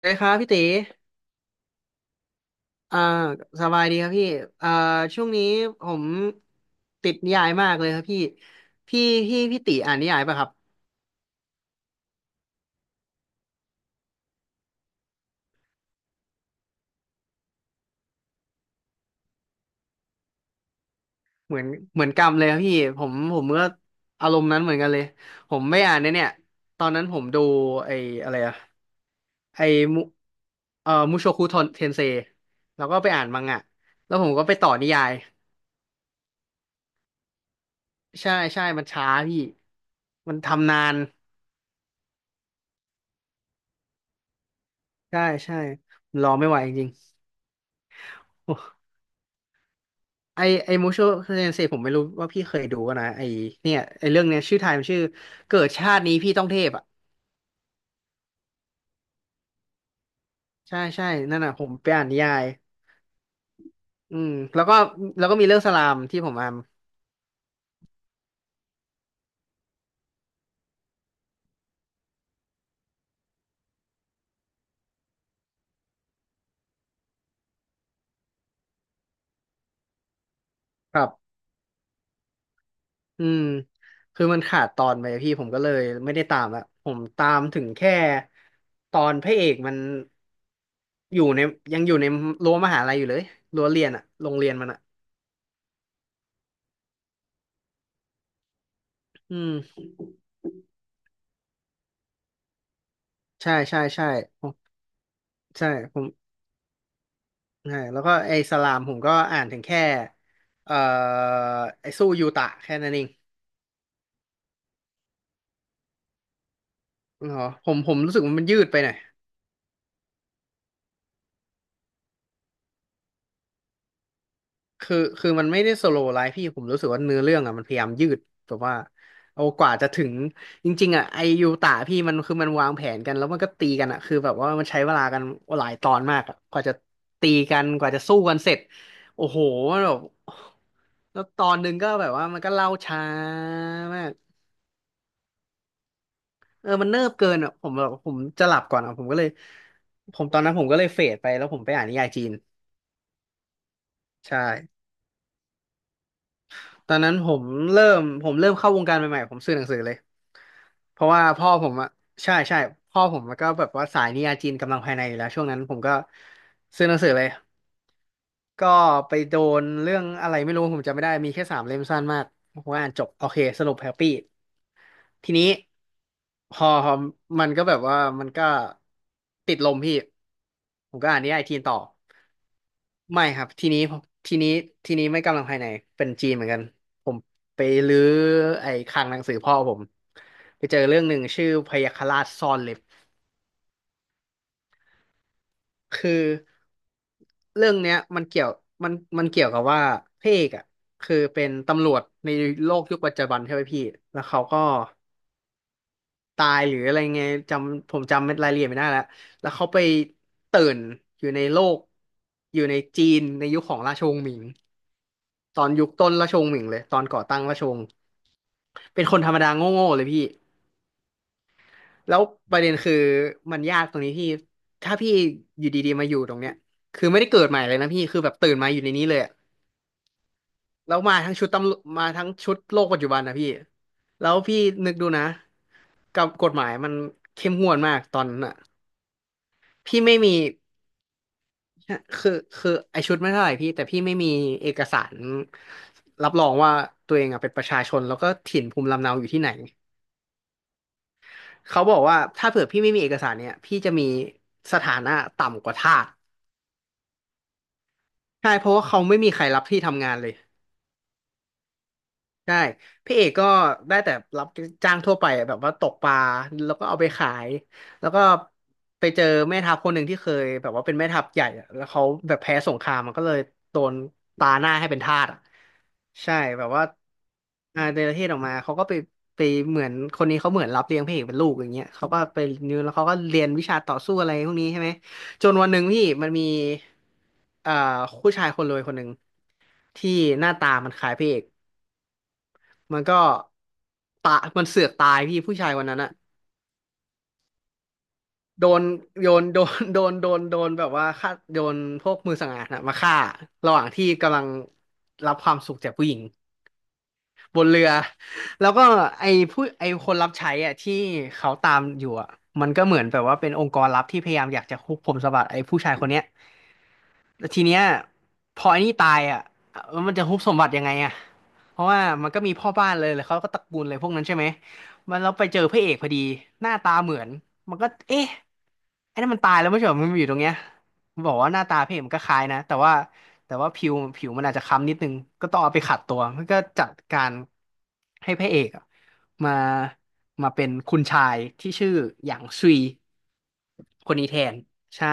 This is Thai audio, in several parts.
เลยครับพี่ตีอ่าสบายดีครับพี่อ่าช่วงนี้ผมติดนิยายมากเลยครับพี่พี่พี่ตีอ่านนิยายป่ะครับเหมือนเหมือนกรรมเลยครับพี่ผมก็อารมณ์นั้นเหมือนกันเลยผมไม่อ่านเนี่ยตอนนั้นผมดูไอ้อะไรอะไอ้มุมุโชคุเทนเซแล้วก็ไปอ่านมังงะแล้วผมก็ไปต่อนิยายใช่ใช่มันช้าพี่มันทำนานใช่ใช่รอไม่ไหวจริงๆ ไอไอมูโชเซนเซผมไม่รู้ว่าพี่เคยดูปะนะไอเนี่ยไอเรื่องเนี้ยชื่อไทยมันชื่อเกิดชาตินี้พี่ต้องเทพอ่ะใช่ใช่นั่นน่ะผมไปอ่านนิยายอืมแล้วก็มีเรื่องสลามที่ผมอ่านครับอืมคือมันขาดตอนไปพี่ผมก็เลยไม่ได้ตามละผมตามถึงแค่ตอนพระเอกมันอยู่ในยังอยู่ในรั้วมหาลัยอยู่เลยรั้วเรียนอ่ะโรงเรียนมันอ่ะอืมใช่ใช่ใช่ผมใช่ผม ใช่แล้วก็ไอ้สลามผมก็อ่านถึงแค่เอ่อไอ้สู้ยูตะแค่นั้นเองอ๋อผมรู้สึกว่ามันยืดไปหน่อยคือมันไม่ได้สโลว์ไลฟ์พี่ผมรู้สึกว่าเนื้อเรื่องอ่ะมันพยายามยืดแบบว่าเอากว่าจะถึงจริงๆอ่ะไอ้ยูตะพี่มันคือมันวางแผนกันแล้วมันก็ตีกันอ่ะคือแบบว่ามันใช้เวลากันหลายตอนมากอ่ะกว่าจะตีกันกว่าจะสู้กันเสร็จโอ้โหมันแบบแล้วตอนหนึ่งก็แบบว่ามันก็เล่าช้ามาก เออมันเนิบเกินอ่ะผมแบบผมจะหลับก่อนอ่ะผมก็เลยผมตอนนั้นผมก็เลยเฟดไปแล้วผมไปอ่านนิยายจีนใช่ตอนนั้นผมเริ่มเข้าวงการใหม่ๆผมซื้อหนังสือเลยเพราะว่าพ่อผมอ่ะใช่ใช่พ่อผมก็แบบว่าสายนิยายจีนกำลังภายในอยู่แล้วช่วงนั้นผมก็ซื้อหนังสือเลย ก็ไปโดนเรื่องอะไรไม่รู้ผมจำไม่ได้มีแค่สามเล่มสั้นมากผมอ่านจบโอเคสรุปแฮปปี้ทีนี้พอมันก็แบบว่ามันก็ติดลมพี่ผมก็อ่านนิยายจีนต่อไม่ครับทีนี้ทีนี้ทีนี้ไม่กำลังภายในเป็นจีนเหมือนกันผมไปรื้อไอ้คลังหนังสือพ่อผมไปเจอเรื่องหนึ่งชื่อพยัคฆราชซ่อนเล็บ คือเรื่องเนี้ยมันเกี่ยวมันมันเกี่ยวกับว่าพระเอกอ่ะคือเป็นตำรวจในโลกยุคปัจจุบันใช่ไหมพี่แล้วเขาก็ตายหรืออะไรไงผมจำเม็ดรายละเอียดไม่ได้แล้วแล้วเขาไปตื่นอยู่ในโลกอยู่ในจีนในยุคของราชวงศ์หมิงตอนยุคต้นราชวงศ์หมิงเลยตอนก่อตั้งราชวงศ์เป็นคนธรรมดาโง่ๆเลยพี่แล้วประเด็นคือมันยากตรงนี้พี่ถ้าพี่อยู่ดีๆมาอยู่ตรงเนี้ยคือไม่ได้เกิดใหม่เลยนะพี่คือแบบตื่นมาอยู่ในนี้เลย แล้วมาทั้งชุดตำรวจมาทั้งชุดโลกปัจจุบันนะพี่แล้วพี่นึกดูนะกับกฎหมายมันเข้มงวดมากตอนนั้นอ่ะพี่ไม่มีคือคือไอชุดไม่เท่าไหร่พี่แต่พี่ไม่มีเอกสารรับรองว่าตัวเองอ่ะเป็นประชาชนแล้วก็ถิ่นภูมิลำเนาอยู่ที่ไหนเขาบอกว่าถ้าเผื่อพี่ไม่มีเอกสารเนี่ยพี่จะมีสถานะต่ำกว่าทาสใช่เพราะว่าเขาไม่มีใครรับที่ทำงานเลย ใช่พี่เอกก็ได้แต่รับจ้างทั่วไปอะแบบว่าตกปลาแล้วก็เอาไปขายแล้วก็ไปเจอแม่ทัพคนหนึ่งที่เคยแบบว่าเป็นแม่ทัพใหญ่อะแล้วเขาแบบแพ้สงครามมันก็เลยโดนตาหน้าให้เป็นทาสอ่ะใช่แบบว่าอ่าเนรเทศออกมาเขาก็ไปเหมือนคนนี้เขาเหมือนรับเลี้ยงพี่เอกเป็นลูกอย่างเงี้ยเขาก็ไปนิวแล้วเขาก็เรียนวิชาต่อสู้อะไรพวกนี้ใช่ไหมจนวันหนึ่งพี่มันมีอ่าผู้ชายคนรวยคนหนึ่งที่หน้าตามันคล้ายพี่เอก มันก็ตามันเสือกตายพี่ผู้ชายวันนั้นอะโดนโดน โดนแบบว่าฆ่าโดนพวกมือสังหารนะมาฆ่าระหว่างที่กำลังรับความสุขจากผู้หญิง บนเรือแล้วก็ไอ้คนรับใช้อ่ะที่เขาตามอยู่อ่ะมันก็เหมือนแบบว่าเป็นองค์กรลับที่พยายามอยากจะคุกผมสมบัติไอ้ผู้ชายคนเนี้ยแล้วทีเนี้ยพอไอ้นี่ตายอ่ะแล้วมันจะฮุบสมบัติยังไงอ่ะเพราะว่ามันก็มีพ่อบ้านเลยเขาก็ตระกูลเลยพวกนั้นใช่ไหมมันเราไปเจอพระเอกพอดีหน้าตาเหมือนมันก็เอ๊ะไอ้นั่นมันตายแล้วไม่ใช่เหรอมันมาอยู่ตรงเนี้ยมันบอกว่าหน้าตาพระเอกมันก็คล้ายนะแต่ว่า แต่ว่าผิวมันอาจจะค้ำนิดนึงก็ต้องเอาไปขัดตัวมันก็จัดการให้พระเอกอะมามาเป็นคุณชายที่ชื่อหยางซุยคนนี้แทนใช่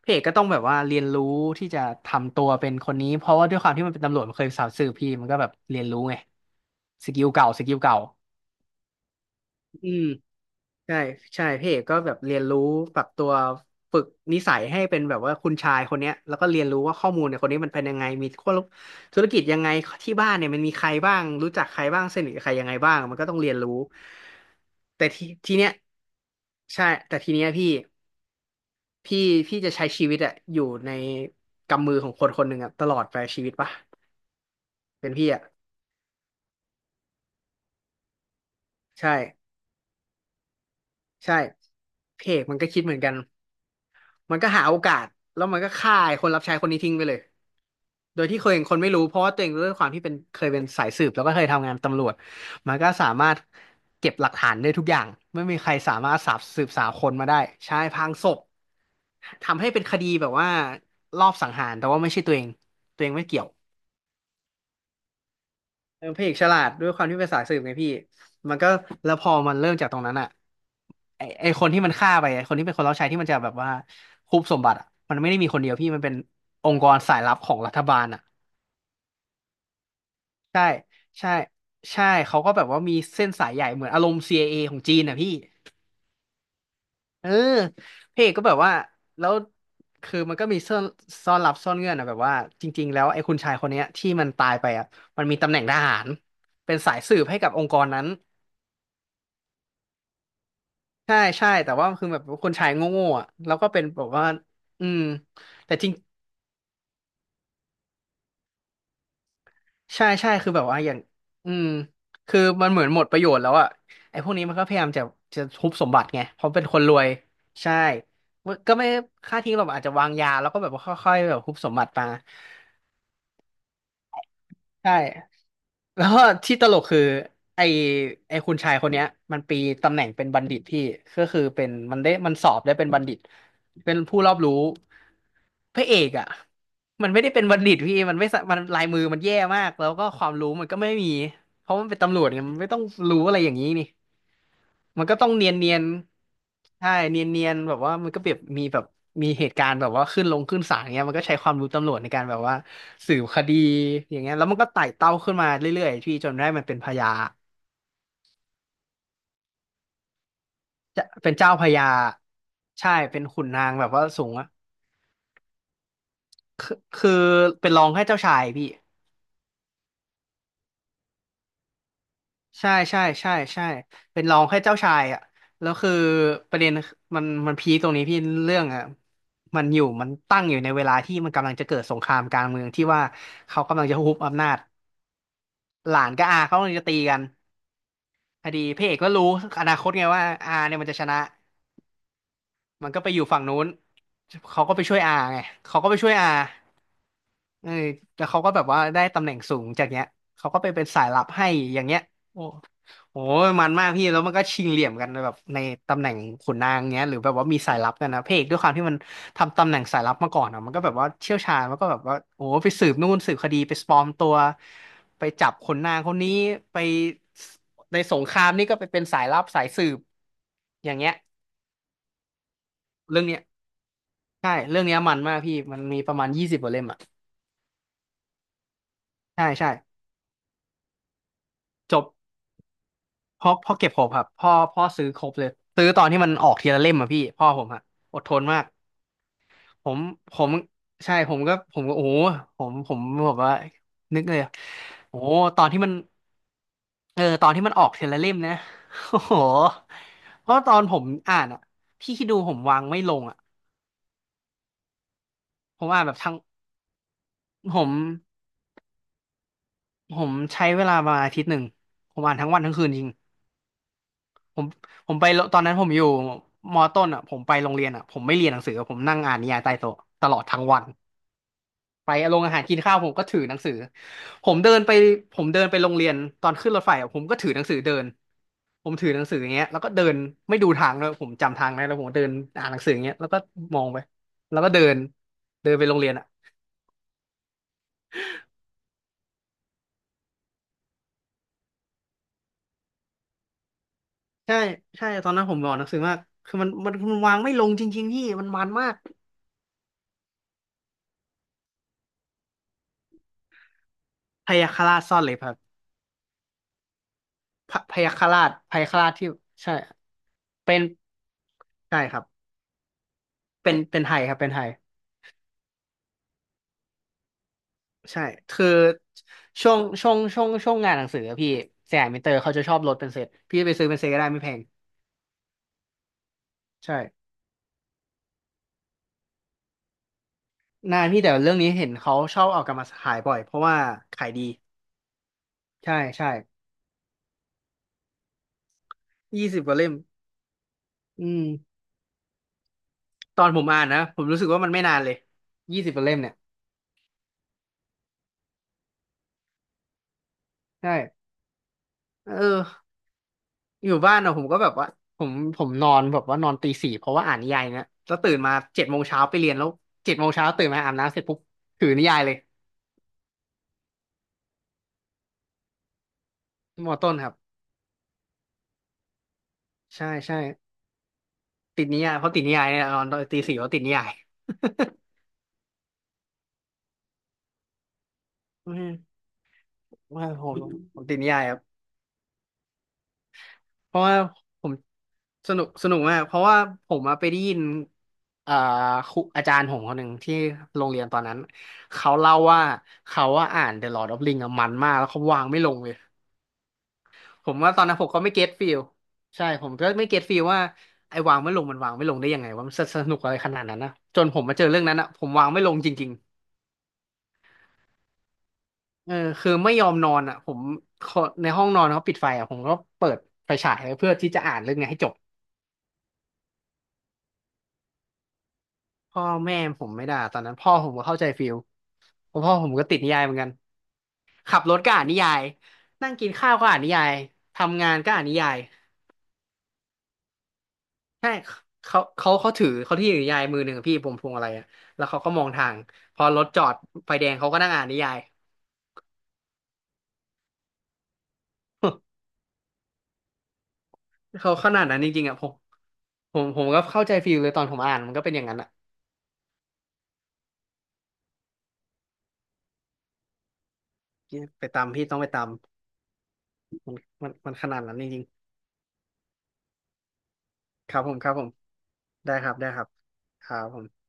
พระเอกก็ต้องแบบว่าเรียนรู้ที่จะทำตัวเป็นคนนี้เพราะว่าด้วยความที่มันเป็นตำรวจมันเคยสาวสืบพี่มันก็แบบเรียนรู้ไงสกิลเก่าอืม ใช่ใช่พี่เอกก็แบบเรียนรู้ปรับตัวฝึกนิสัยให้เป็นแบบว่าคุณชายคนเนี้ยแล้วก็เรียนรู้ว่าข้อมูลเนี่ยคนนี้มันเป็นยังไงมีคนธุรกิจยังไงที่บ้านเนี่ยมันมีใครบ้างรู้จักใครบ้างสนิทกับใครยังไงบ้างมันก็ต้องเรียนรู้แต่ทีเนี้ยใช่แต่ทีเนี้ยพี่พี่จะใช้ชีวิตอะอยู่ในกำมือของคนคนหนึ่งอะตลอดไปชีวิตปะเป็นพี่อะใช่ใช่พี่เอกมันก็คิดเหมือนกัน มันก็หาโอกาสแล้วมันก็ฆ่าไอ้คนรับใช้คนนี้ทิ้งไปเลย โดยที่เคยเห็นคนไม่รู้เพราะว่าตัวเองด้วยความที่เป็นเคยเป็นสายสืบแล้วก็เคยทำงานตำรวจมันก็สามารถเก็บหลักฐานได้ทุกอย่างไม่มีใครสามารถสาบสืบสาวคนมาได้ใช่พรางศพทำให้เป็นคดีแบบว่ารอบสังหารแต่ว่าไม่ใช่ตัวเองตัวเองไม่เกี่ยว เออพระเอกฉลาดด้วยความที่เป็นสายสืบไงพี่มันก็แล้วพอมันเริ่มจากตรงนั้นอ่ะไอคนที่มันฆ่าไปไอคนที่เป็นคนรับใช้ที่มันจะแบบว่าคุบสมบัติอ่ะมันไม่ได้มีคนเดียวพี่มันเป็นองค์กรสายลับของรัฐบาลอ่ะใช่ใช่ใช่เขาก็แบบว่ามีเส้นสายใหญ่เหมือนอารมณ์ CIA ของจีนอ่ะพี่เออพระเอกก็แบบว่าแล้วคือมันก็มีซ่อนซ่อนลับซ่อนเงื่อนอะแบบว่าจริงๆแล้วไอ้คุณชายคนเนี้ยที่มันตายไปอ่ะมันมีตำแหน่งทหารเป็นสายสืบให้กับองค์กรนั้น ใช่แต่ว่าคือแบบคนชายโง่ๆอ่ะแล้วก็เป็นแบบว่าอืมแต่จริงใช่คือแบบว่าอย่างอืมคือมันเหมือนหมดประโยชน์แล้วอ่ะไอ้พวกนี้มันก็พยายามจะทุบสมบัติไงเพราะเป็นคนรวยใช่ก็ไม่ค่าทิ้งหรอกอาจจะวางยาแล้วก็แบบว่าค่อยๆแบบทุบสมบัติมา ใช่แล้วก็ที่ตลกคือไอไอคุณชายคนเนี้ยมันปีตำแหน่งเป็นบัณฑิตพี่ก็คือเป็นมันได้มันสอบได้เป็นบัณฑิตเป็นผู้รอบรู้พระเอกอ่ะมันไม่ได้เป็นบัณฑิตพี่มันไม่สะมันลายมือมันแย่มากแล้วก็ความรู้มันก็ไม่มีเพราะมันเป็นตำรวจไงมันไม่ต้องรู้อะไรอย่างนี้นี่ มันก็ต้องเนียนใช่เนียนแบบว่ามันก็แบบมีแบบมีเหตุการณ์แบบว่าขึ้นลงขึ้นศาลเงี้ยมันก็ใช้ความรู้ตำรวจในการแบบว่าสืบคดีอย่างเงี้ยแล้วมันก็ไต่เต้าขึ้นมาเรื่อยๆพี่จนได้มันเป็นพญาจะเป็นเจ้าพญาใช่เป็นขุนนางแบบว่าสูงอะคือเป็นรองแค่เจ้าชายพี่ ใช่เป็นรองแค่เจ้าชายอ่ะแล้วคือประเด็นมันพีคตรงนี้พี่เรื่องอ่ะมันอยู่มันตั้งอยู่ในเวลาที่มันกำลังจะเกิดสงครามกลางเมืองที่ว่าเขากำลังจะฮุบอำนาจหลานกับอาเขากำลังจะตีกันพอดีพระเอกก็รู้อนาคตไงว่าอาเนี่ยมันจะชนะ มันก็ไปอยู่ฝั่งนู้นเขาก็ไปช่วยอาไงเขาก็ไปช่วยอาเออแล้วเขาก็แบบว่าได้ตำแหน่งสูงจากเนี้ยเขาก็ไปเป็นสายลับให้ อย่างเงี้ยโอ้โหมันมากพี่แล้วมันก็ชิงเหลี่ยมกันแบบในตำแหน่งขุนนางเงี้ยหรือแบบว่ามีสายลับกันนะพระเอกด้วยความที่มันทำตำแหน่งสายลับมาก่อนอ่ะมันก็แบบว่าเชี่ยวชาญมันก็แบบว่าโอ้โหไปสืบนู่นสืบคดีไปปลอมตัวไปจับขนนางคนนี้ไปในสงครามนี่ก็ไปเป็นสายลับสายสืบอย่างเงี้ยเรื่องเนี้ย ใช่เรื่องเนี้ยมันมากพี่มันมีประมาณยี่สิบกว่าเล่มอ่ะใช่ใช่จบพ่อเก็บครบครับพ่อซื้อครบเลยซื้อตอนที่มันออกทีละเล่มอ่ะพี่พ่อผมอ่ะอดทนมากผมผมใช่ผมก็โอ้โหผมแบบว่านึกเลยอะโอ้โหตอนที่มันตอนที่มันออกทีละเล่มนะ โอ้โหเพราะตอนผมอ่านอ่ะพี่คิดดูผมวางไม่ลงอ่ะผมอ่านแบบทั้งผมผมใช้เวลาประมาณอาทิตย์หนึ่งผมอ่านทั้งวันทั้งคืนจริง ผมผมไปตอนนั้นผมอยู่มอต้นอ่ะผมไปโรงเรียนอ่ะผมไม่เรียนหนังสือผมนั่งอ่านนิยายใต้โต๊ะตลอดทั้งวันไปโรงอาหารกินข้าวผมก็ถือหนังสือผมเดินไปผมเดินไปโรงเรียนตอนขึ้นรถไฟอะผมก็ถือหนังสือเดินผมถือหนังสืออย่างเงี้ยแล้วก็เดินไม่ดูทางเลยผมจำทางได้แล้วผมก็เดินอ่านหนังสืออย่างเงี้ยแล้วก็มองไปแล้วก็เดินเดินไปโรงเรียนอ่ะใช่ใช่ตอนนั้นผมอ่านหนังสือมากคือมันวางไม่ลงจริงๆพี่มันมากพยาคฆราชซ่อนเล็บครับพะพยาคฆราชพยาคฆราชที่ใช่ เป็นใช่ครับเป็นไทยครับเป็นไทยใช่คือช่วงงานหนังสืออะพี่สยามมินเตอร์เขาจะชอบลดเป็นเซตพี่ไปซื้อเป็นเซตก็ได้ไม่แพงใช่นานพี่แต่เรื่องนี้เห็นเขาชอบเอากลับมาขายบ่อยเพราะว่าขายดีใช่ใช่ยี่สิบกว่าเล่มอืมตอนผมอ่านนะผมรู้สึกว่ามันไม่นานเลย20 กว่าเล่มเนี่ยใช่เออ อยู่บ้านอะผมก็แบบว่าผมผมนอนแบบว่านอนตีสี่เพราะว่าอ่านนิยายนะแล้วตื่นมาเจ็ดโมงเช้าไปเรียนแล้วเจ็ดโมงเช้าตื่นมาอาบน้ำเสร็จปุ๊บถือนิยายเลยมอต้นครับใช่ใช่ติดนิยายเพราะติดนิยายเนี่ยนอนตอนตีสี่เพราะติดนิยายอืม ว่ผมผมติดนิยายครับเพราะว่าผมสนุกสนุกมากเพราะว่าผมอะไปได้ยินอ่าครูอาจารย์ผมคนหนึ่งที่โรงเรียนตอนนั้นเขาเล่าว่าเขาว่าอ่าน The Lord of Ring อะมันมากแล้วเขาวางไม่ลงเลย ผมว่าตอนนั้นผมก็ไม่เก็ตฟิลใช่ผมก็ไม่เก็ตฟิลว่าไอ้วางไม่ลงมันวางไม่ลงได้ยังไงว่ามันสนุกอะไรขนาดนั้นนะจนผมมาเจอเรื่องนั้นอ่ะผมวางไม่ลงจริงๆเออคือไม่ยอมนอนอ่ะผมขอในห้องนอนเขาปิดไฟอ่ะผมก็เปิดไฟฉายไว้เพื่อที่จะอ่านเรื่องเนี้ยให้จบพ่อแม่ผมไม่ด่าตอนนั้นพ่อผมก็เข้าใจฟิลเพราะพ่อผมก็ติดนิยายเหมือนกันขับรถก็อ่านนิยายนั่งกินข้าวก็อ่านนิยายทำงานก็อ่านนิยาย ใช่เขาถือเขาที่ถือนิยายมือหนึ่งอะพี่ผมพวงอะไรอะแล้วเขาก็มองทางพอรถจอดไฟแดงเขาก็นั่งอ่านนิยาย เขาขนาดนั้นจริงๆอะผมผมก็เข้าใจฟีลเลยตอนผมอ่านมันก็เป็นอย่างนั้นอะไปตามพี่ต้องไปตามมันมันขนาดนั้นจริงๆครับผมครับผมได้ครับได้ครับครับผม